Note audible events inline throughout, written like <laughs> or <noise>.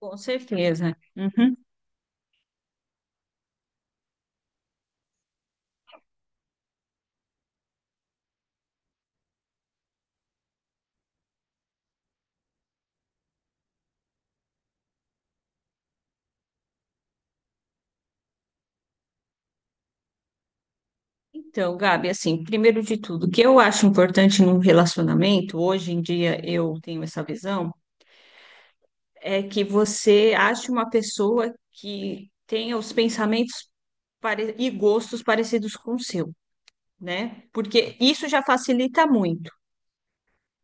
Com certeza. Uhum. Então, Gabi, assim, primeiro de tudo, o que eu acho importante num relacionamento, hoje em dia eu tenho essa visão, é que você ache uma pessoa que tenha os pensamentos e gostos parecidos com o seu, né? Porque isso já facilita muito,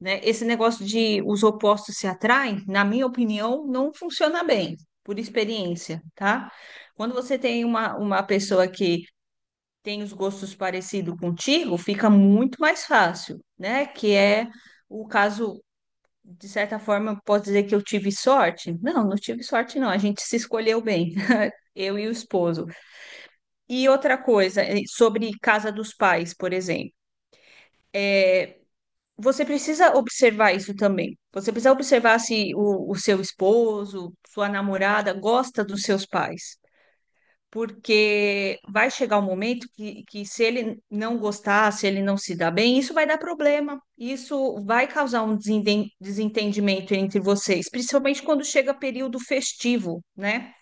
né? Esse negócio de os opostos se atraem, na minha opinião, não funciona bem, por experiência, tá? Quando você tem uma pessoa que tem os gostos parecidos contigo, fica muito mais fácil, né? Que é o caso, de certa forma, posso dizer que eu tive sorte? Não, não tive sorte, não. A gente se escolheu bem, <laughs> eu e o esposo. E outra coisa, sobre casa dos pais, por exemplo. Você precisa observar isso também. Você precisa observar se o, o seu esposo, sua namorada gosta dos seus pais. Porque vai chegar um momento que se ele não gostar, se ele não se dar bem, isso vai dar problema. Isso vai causar um desentendimento entre vocês, principalmente quando chega período festivo, né?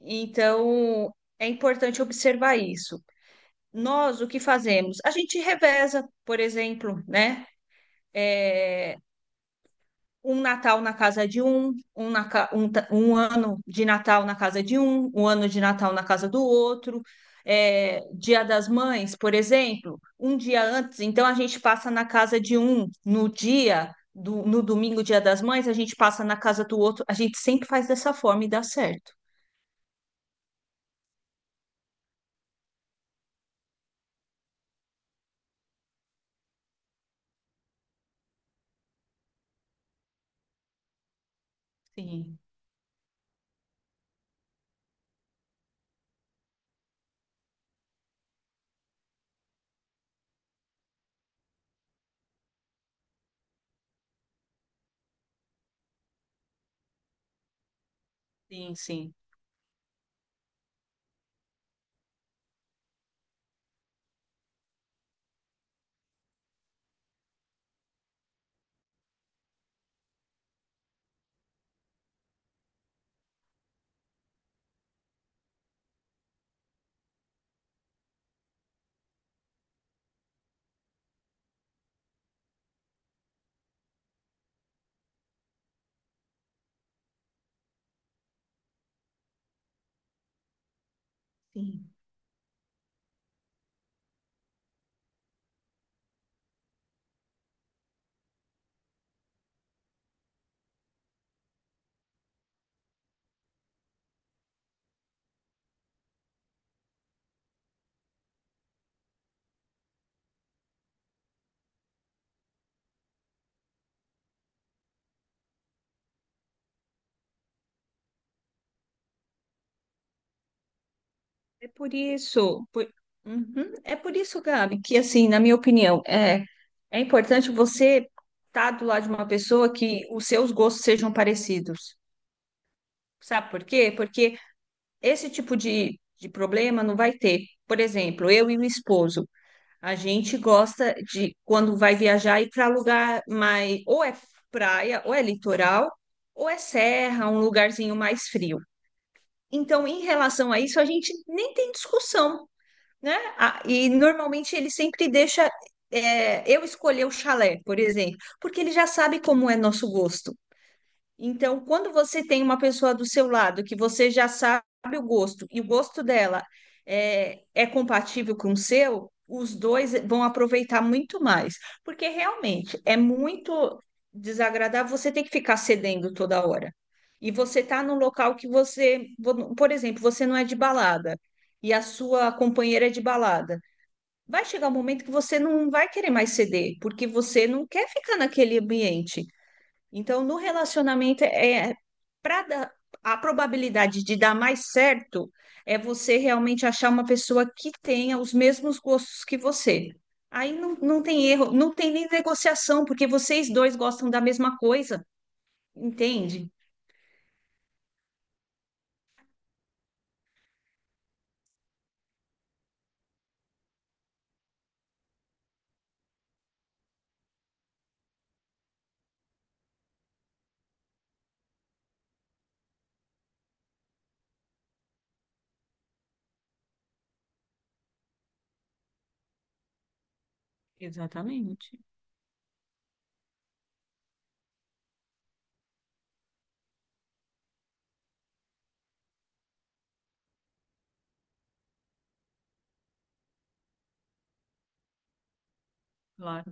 Então, é importante observar isso. Nós, o que fazemos? A gente reveza, por exemplo, né? Um Natal na casa de um, um, na ca- um ta- um ano de Natal na casa de um, um ano de Natal na casa do outro. É, Dia das Mães, por exemplo, um dia antes, então a gente passa na casa de um, no domingo, Dia das Mães, a gente passa na casa do outro. A gente sempre faz dessa forma e dá certo. Sim, sim, sim. Sim. É por isso. Uhum. É por isso, Gabi, que assim, na minha opinião, é importante você estar do lado de uma pessoa que os seus gostos sejam parecidos. Sabe por quê? Porque esse tipo de problema não vai ter. Por exemplo, eu e o esposo, a gente gosta de, quando vai viajar, ir para lugar mais, ou é praia, ou é litoral, ou é serra, um lugarzinho mais frio. Então, em relação a isso, a gente nem tem discussão, né? Ah, e normalmente ele sempre deixa eu escolher o chalé, por exemplo, porque ele já sabe como é nosso gosto. Então, quando você tem uma pessoa do seu lado que você já sabe o gosto e o gosto dela é compatível com o seu, os dois vão aproveitar muito mais. Porque realmente é muito desagradável você ter que ficar cedendo toda hora. E você tá num local que você, por exemplo, você não é de balada e a sua companheira é de balada. Vai chegar um momento que você não vai querer mais ceder, porque você não quer ficar naquele ambiente. Então, no relacionamento, é, para a probabilidade de dar mais certo é você realmente achar uma pessoa que tenha os mesmos gostos que você. Aí não, não tem erro, não tem nem negociação, porque vocês dois gostam da mesma coisa, entende? Exatamente, claro,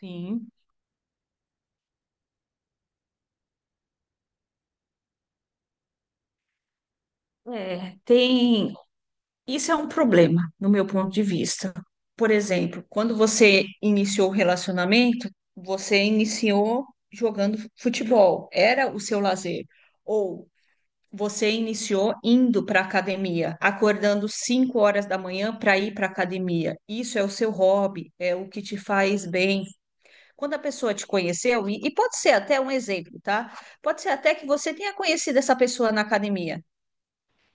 sim. É, tem. Isso é um problema, no meu ponto de vista. Por exemplo, quando você iniciou o relacionamento, você iniciou jogando futebol, era o seu lazer. Ou você iniciou indo para a academia, acordando 5 horas da manhã para ir para a academia. Isso é o seu hobby, é o que te faz bem. Quando a pessoa te conheceu, e pode ser até um exemplo, tá? Pode ser até que você tenha conhecido essa pessoa na academia.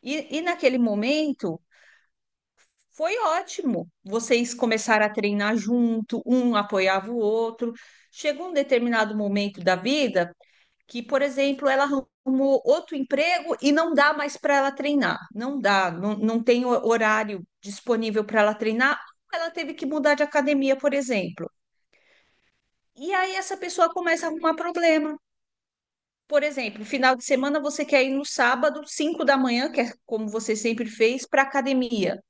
E naquele momento foi ótimo. Vocês começaram a treinar junto, um apoiava o outro. Chegou um determinado momento da vida que, por exemplo, ela arrumou outro emprego e não dá mais para ela treinar. Não dá, não, não tem horário disponível para ela treinar. Ela teve que mudar de academia, por exemplo. E aí essa pessoa começa a arrumar problema. Por exemplo, final de semana você quer ir no sábado, 5 da manhã, que é como você sempre fez, para academia,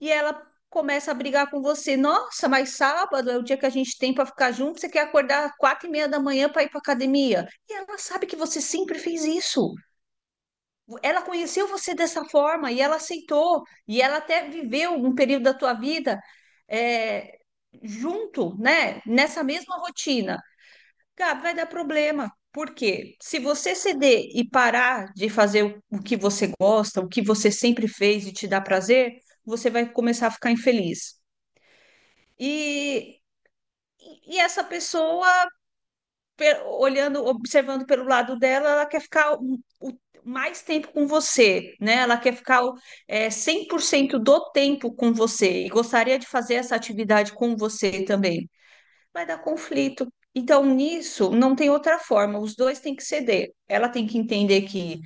e ela começa a brigar com você. Nossa, mas sábado é o dia que a gente tem para ficar junto. Você quer acordar às 4h30 da manhã para ir para academia? E ela sabe que você sempre fez isso. Ela conheceu você dessa forma e ela aceitou. E ela até viveu um período da tua vida, é, junto, né? Nessa mesma rotina. Gabi, vai dar problema. Porque se você ceder e parar de fazer o que você gosta, o que você sempre fez e te dá prazer, você vai começar a ficar infeliz. E, e essa pessoa, olhando, observando pelo lado dela, ela quer ficar mais tempo com você, né? Ela quer ficar 100% do tempo com você e gostaria de fazer essa atividade com você também. Vai dar conflito. Então, nisso, não tem outra forma. Os dois têm que ceder. Ela tem que entender que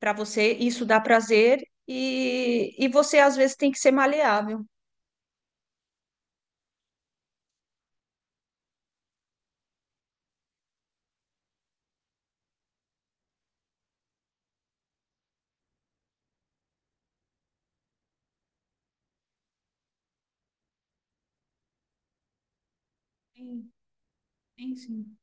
para você isso dá prazer e você, às vezes, tem que ser maleável. Sim, sim. Sim.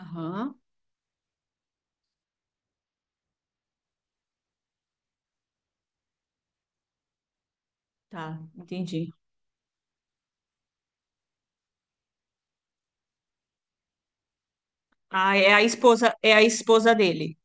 Aham, tá, entendi. Ah, é a esposa dele.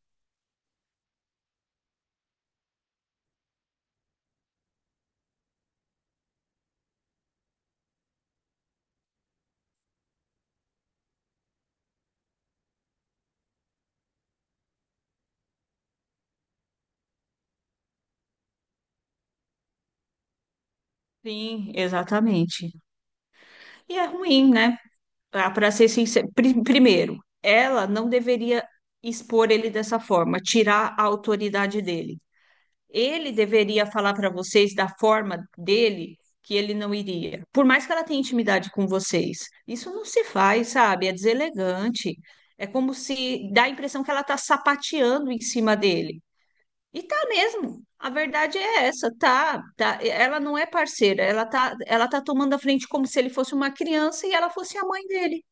Sim, exatamente. E é ruim, né? Para ser sincero, primeiro, ela não deveria expor ele dessa forma, tirar a autoridade dele. Ele deveria falar para vocês da forma dele que ele não iria. Por mais que ela tenha intimidade com vocês, isso não se faz, sabe? É deselegante. É como se dá a impressão que ela está sapateando em cima dele. E tá mesmo. A verdade é essa, tá, tá. Ela não é parceira, ela tá tomando a frente como se ele fosse uma criança e ela fosse a mãe dele.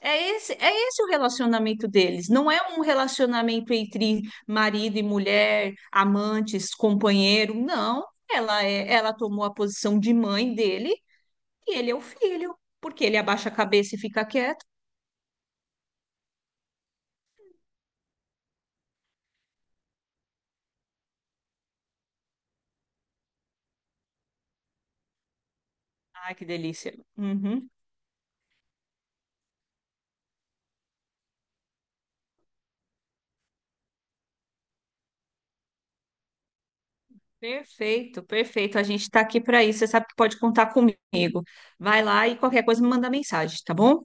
É esse o relacionamento deles. Não é um relacionamento entre marido e mulher, amantes, companheiro, não. Ela tomou a posição de mãe dele e ele é o filho, porque ele abaixa a cabeça e fica quieto. Ai, que delícia. Uhum. Perfeito, perfeito. A gente está aqui para isso. Você sabe que pode contar comigo. Vai lá e qualquer coisa me manda mensagem, tá bom?